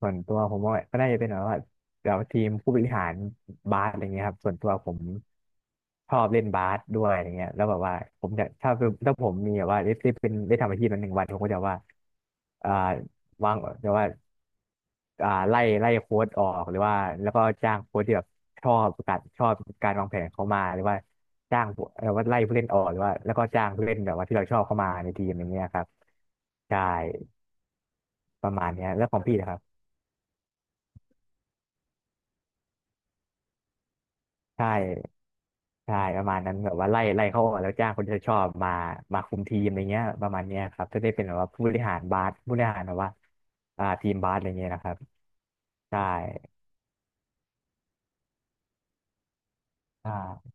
ส่วนตัวผมว่าก็น่าจะเป็นแบบว่าทีมผู้บริหารบาสอะไรเงี้ยครับส่วนตัวผมชอบเล่นบาสด้วยอะไรเงี้ยแล้วแบบว่าผมจะถ้าเป็นถ้าผมมีแบบว่าได้ได้เป็นได้ทำอาชีพนั้นหนึ่งวันผมก็จะว่าอ่าวางจะว่าอ่าไล่โค้ชออกหรือว่าแล้วก็จ้างโค้ชที่แบบชอบการชอบการวางแผนเขามาหรือว่าจ้างผู้เอ่อว่าไล่ผู้เล่นออกหรือว่าแล้วก็จ้างผู้เล่นแบบว่าที่เราชอบเข้ามาในทีมอย่างเงี้ยครับใช่ประมาณเนี้ยแล้วของพี่นะครับใช่ ใช่ประมาณนั้นแบบว่าไล่เขาออกแล้วจ้างคนที่เขาชอบมาคุมทีมอะไรเงี้ยประมาณเนี้ยครับจะได้เป็นแบบว่าผู้บริหารบาสผู้บริหารแบบว่าทีมบาสอะไรเงี้ยนะครับใช่อ่า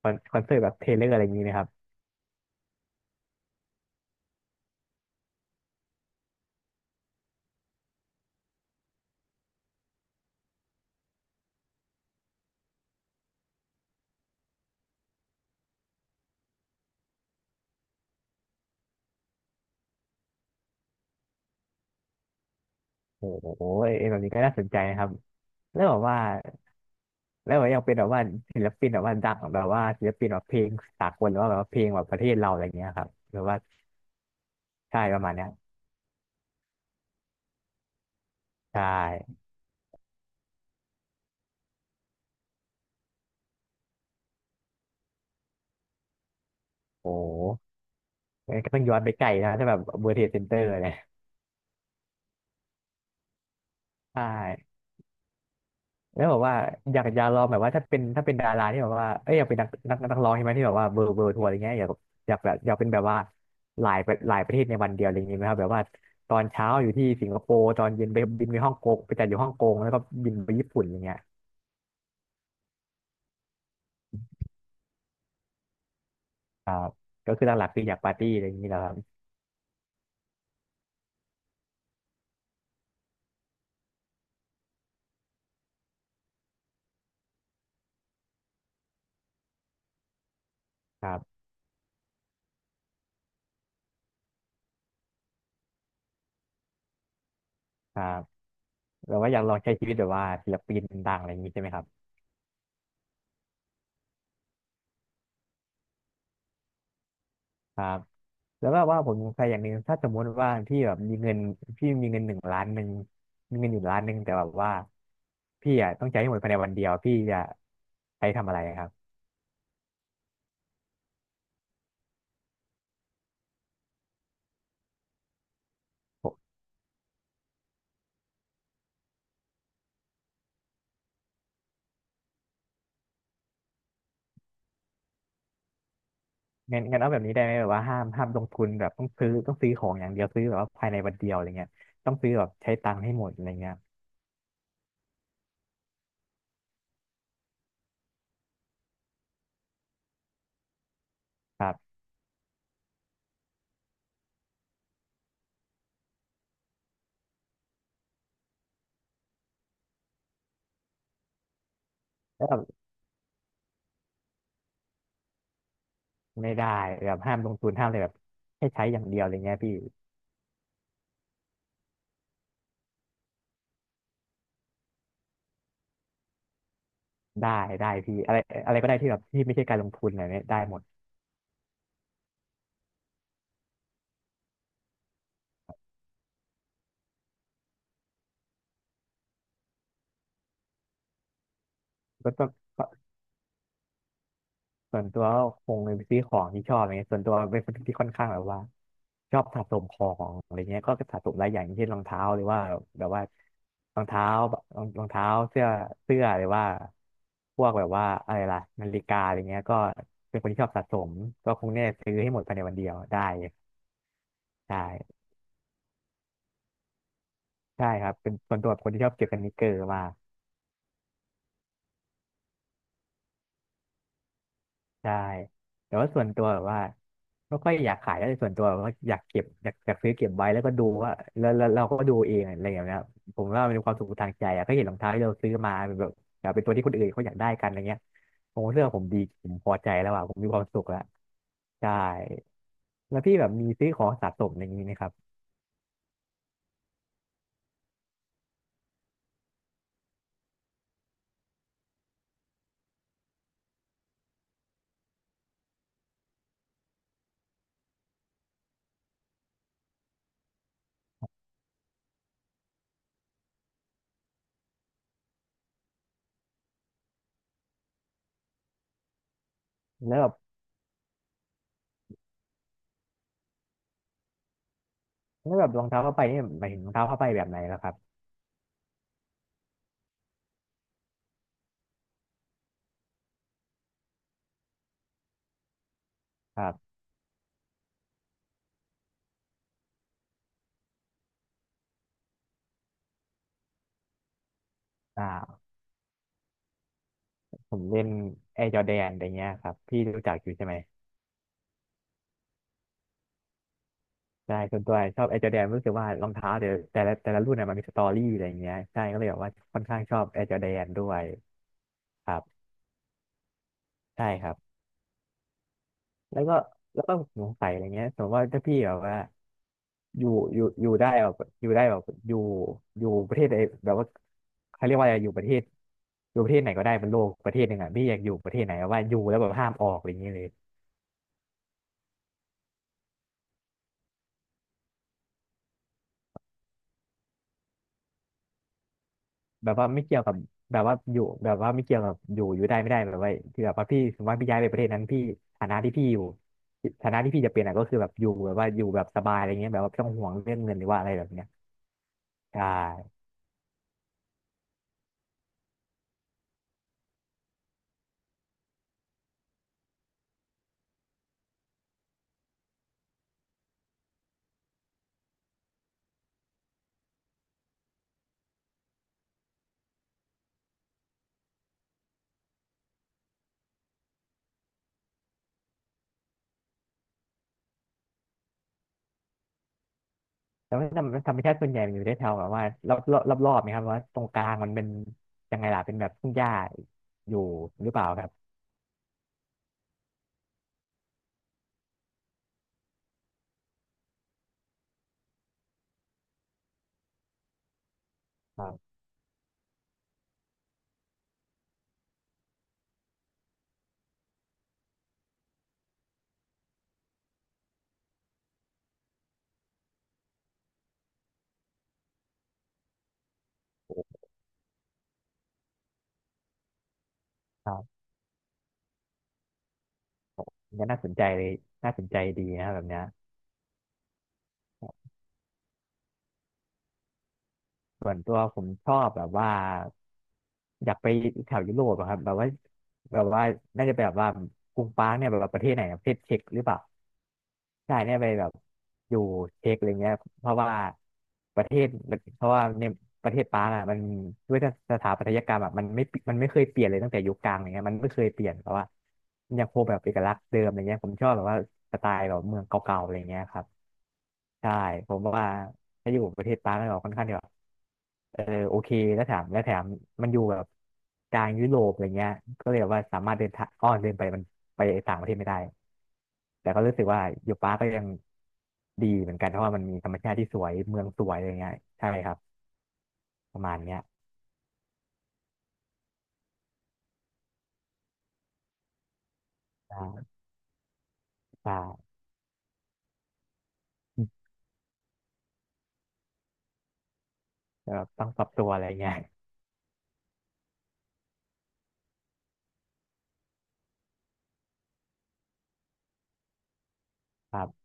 คอนเสิร์ตแบบเทเลอร์อะไรอย่างงี้นะครับโอ้โหเอ็นแบบนี้ก็น่าสนใจนะครับแล้วแบบว่าแล้วแบบยังเป็นแบบว่าศิลปินแบบว่าดังแบบว่าศิลปินแบบเพลงสากลหรือว่าแบบว่าเพลงแบบประเทศเราอะไรเงี้ยครับหรือว่าใช่ประมาณเนี้ยใช่โอ้โหก็ต้องย้อนไปไกลนะถ้าแบบเบอร์เทสเซนเตอร์เนี่ยใช่ แล้วแบบว่าอยากลองแบบว่าถ้าเป็นดาราที่แบบว่าเอ้ยอยากเป็นนักร้องใช่ไหมที่แบบว่าเบอร์ทัวร์อะไรเงี้ยอยากเป็นแบบว่าหลายประเทศในวันเดียวอะไรอย่างงี้ไหมครับแบบว่าตอนเช้าอยู่ที่สิงคโปร์ตอนเย็นไปบินไปฮ่องกงไปจัดอยู่ฮ่องกงแล้วก็บินไปญี่ปุ่นอย่างเงี้ยครับก็คือหลักๆคืออยากปาร์ตี้อะไรอย่างงี้แหล้วครับครับครับแบบว่าอยากลองใช้ชีวิตแบบว่าศิลปินดังอะไรอย่างงี้ใช่ไหมครับ ครับแล้วก็ว่าผมสงสัยอย่างหนึ่งถ้าสมมติว่าพี่แบบมีเงินพี่มีเงินหนึ่งล้านหนึ่งมีเงินอยู่ล้านหนึ่งแต่แบบว่าพี่อ่ะต้องใช้ให้หมดภายในวันเดียวพี่จะใช้ทำอะไรครับผมงั้นงั้นเอาแบบนี้ได้ไหมแบบว่าห้ามลงทุนแบบต้องซื้อของอย่างเดียวซื้อแบบว่าภายในวันเดียวอะไรเงี้ยต้องซื้อแบบใช้ตังค์ให้หมดอะไรเงี้ยครับแล้วแบบไม่ได้แบบห้ามลงทุนห้ามเลยแบบให้ใช้อย่างเดียวอะไรเงี้ยพี่ได้ได้พี่อะไรอะไรก็ได้ที่แบบที่ไม่ใช่การลงทุนอะไรเนี้ยได้หมดก็ต้อง ส่วนตัวก็คงไปซื้อของที่ชอบอะไรเงี้ยส่วนตัวเป็นคนที่ค่อนข้างแบบว่าชอบสะสมของอะไรเงี้ยก็สะสมหลายอย่างอย่างเช่นรองเท้าหรือว่าแบบว่ารองเท้ารองเท้าเสื้อเสื้อหรือว่าพวกแบบว่าอะไรล่ะนาฬิกาอะไรเงี้ยก็เป็นคนที่ชอบสะสมก็คงเนี่ยซื้อให้หมดภายในวันเดียวได้ใช่ใช่ครับเป็นส่วนตัวเป็นคนที่ชอบเก็บสนิกเกอร์มาก ใช่แต่ว่าส่วนตัวแบบว่าไม่ค่อยอยากขายแล้วแต่ส่วนตัวแบบว่าอยากเก็บอยากซื้อเก็บไว้แล้วก็ดูว่าแล้วเราก็ดูเองอะไรอย่างเงี้ยครับผมว่ามันเป็นความสุขทางใจอะก็เห็นรองเท้าที่เราซื้อมาเป็นแบบเป็นตัวที่คนอื่นเขาอยากได้กันอะไรเงี้ยผมเลือกผมดีผมพอใจแล้วอะผมมีความสุขแล้วใช่แล้วพี่แบบมีซื้อของสะสมอย่างนี้ไหมครับแล้วแบบแล้วแบบรองเท้าผ้าใบนี่หมายถึงรองเท้าผ้าใบแบบไหนแล้วครับครับอ่าผมเล่นแอร์จอแดนอะไรเงี้ยครับพี่รู้จักอยู่ใช่ไหม ใช่ส่วนตัวชอบแอร์จอแดนรู้สึกว่ารองเท้าเดี๋ยวแต่ละรุ่นน่ะมันมีสตอรี่อะไรอย่างเงี้ยใช่ก็เลยแบบว่าค่อนข้างชอบแอร์จอแดนด้วยครับใช่ครับแล้วก็แล้วก็สงสัยอะไรเงี้ยสมมติว่าถ้าพี่แบบว่าอยู่ได้แบบอยู่ได้แบบอยู่อยู่ประเทศใดแบบว่าเขาเรียกว่าอะไรอยู่ประเทศไหนก็ได้บนโลกประเทศหนึ่งอ่ะพี่อยากอยู่ประเทศไหนแบบว่าอยู่แล้วแบบห้ามออกอะไรอย่างเงี้ยเลย แบบว่าไม่เกี่ยวกับแบบว่าอยู่แบบว่าไม่เกี่ยวกับอยู่ได้ไม่ได้แบบว่าที่แบบว่าพี่สมมติว่าพี่ย้ายไปประเทศนั้นพี่ฐานะที่พี่อยู่ฐานะที่พี่จะเป็นอ่ะก็คือแบบอยู่แบบว่าอยู่แบบสบายอะไรเงี้ยแบบว่าไม่ต้องห่วงเรื่องเงินหรือว่าอะไรแบบเนี้ยใช่แล้วธรรมชาติส่วนใหญ่มันอยู่ได้แถวแบบว่ารอบๆนะครับว่าตรงกลางมันเป็นยังไงล่ะเป็นแบบทุ่งหญ้าอยู่หรือเปล่าครับครับครับก็น่าสนใจเลยน่าสนใจดีนะครับแบบเนี้ยส่วนตัวผมชอบแบบว่า อยากไปแถวยุโรปอะครับแบบว่าแบบว่าน่าจะไปแบบว่ากรุงปรางเนี่ยแบบว่าประเทศไหนอะประเทศเช็กหรือเปล่าใช่เนี่ยไปแบบอยู่เช็กอะไรเงี้ยเพราะว่าประเทศเพราะว่าในประเทศปรางอะมันด้วยสถาปัตยกรรมอะมันไม่เคยเปลี่ยนเลยตั้งแต่ยุคกลางอะไรเงี้ยมันไม่เคยเปลี่ยนเพราะว่ามันยังคงแบบเอกลักษณ์เดิมอะไรเงี้ยผมชอบแบบว่าสไตล์แบบเมืองเก่าๆอะไรเงี้ยครับใช่ผมว่าถ้าอยู่ประเทศปรางก็ค่อนข้างที่แบบ เออโอเคแล้วแถมมันอยู่แบบกลางยุโรปอะไรเงี้ยก็เลยแบบว่าสามารถเดินทางอ้อเดินไปมันไปต่างประเทศไม่ได้แต่ก็รู้สึกว่ายูปาก็ยังดีเหมือนกันเพราะว่ามันมีธรรมชาติที่สวยเมืองสวยอะไรเงี้ยใช่ครับประมาณเนี้ยใช่ใช่แบบต้องปรับตัวอะไรเงี้ยครับ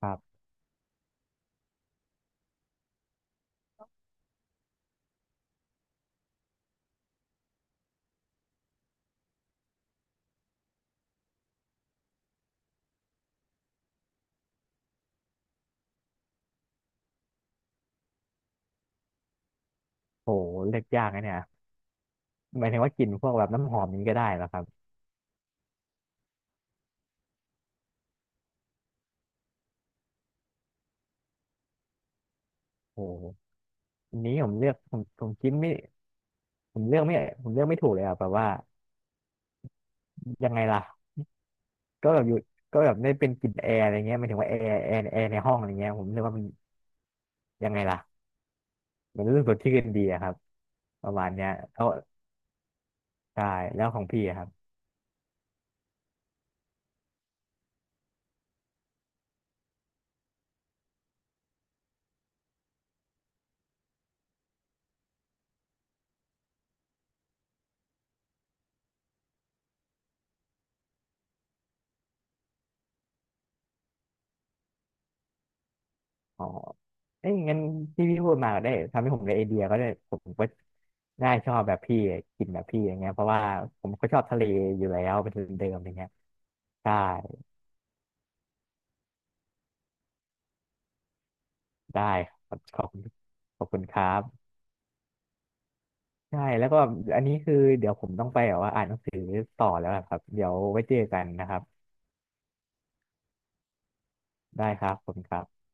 ครับโหเลือกยากนะเนี่ยหมายถึงว่ากลิ่นพวกแบบน้ำหอมนี้ก็ได้เหรอครับโหอันนี้ผมเลือกผมผมคิดไม่ผมเลือกไม่ผมเลือกไม่ถูกเลยอ่ะแบบว่ายังไงล่ะ ก็แบบอยู่ก็แบบได้เป็นกลิ่นแอร์อะไรเงี้ยหมายถึงว่าแอร์ในห้องอะไรเงี้ยผมรู้สึกว่ามันยังไงล่ะมันรู้สึกสดชื่นดีอะครับประมาณเนี้ยแล้วใช่แล้วของพี่อะครับอ๋อเอ้ยงั้นที่พี่พูดมาก็ได้ทำให้ผมได้ไอเดียก็ได้ผมก็น่าชอบแบบพี่กลิ่นแบบพี่อย่างเงี้ยเพราะว่าผมก็ชอบทะเลอยู่แล้วเป็นทุนเดิมอย่างเงี้ยใช่ได้ครับขอบคุณขอบคุณครับใช่แล้วก็อันนี้คือเดี๋ยวผมต้องไปแบบว่าอ่านหนังสือต่อแล้วอะครับเดี๋ยวไว้เจอกันนะครับได้ครับขอบคุณครับ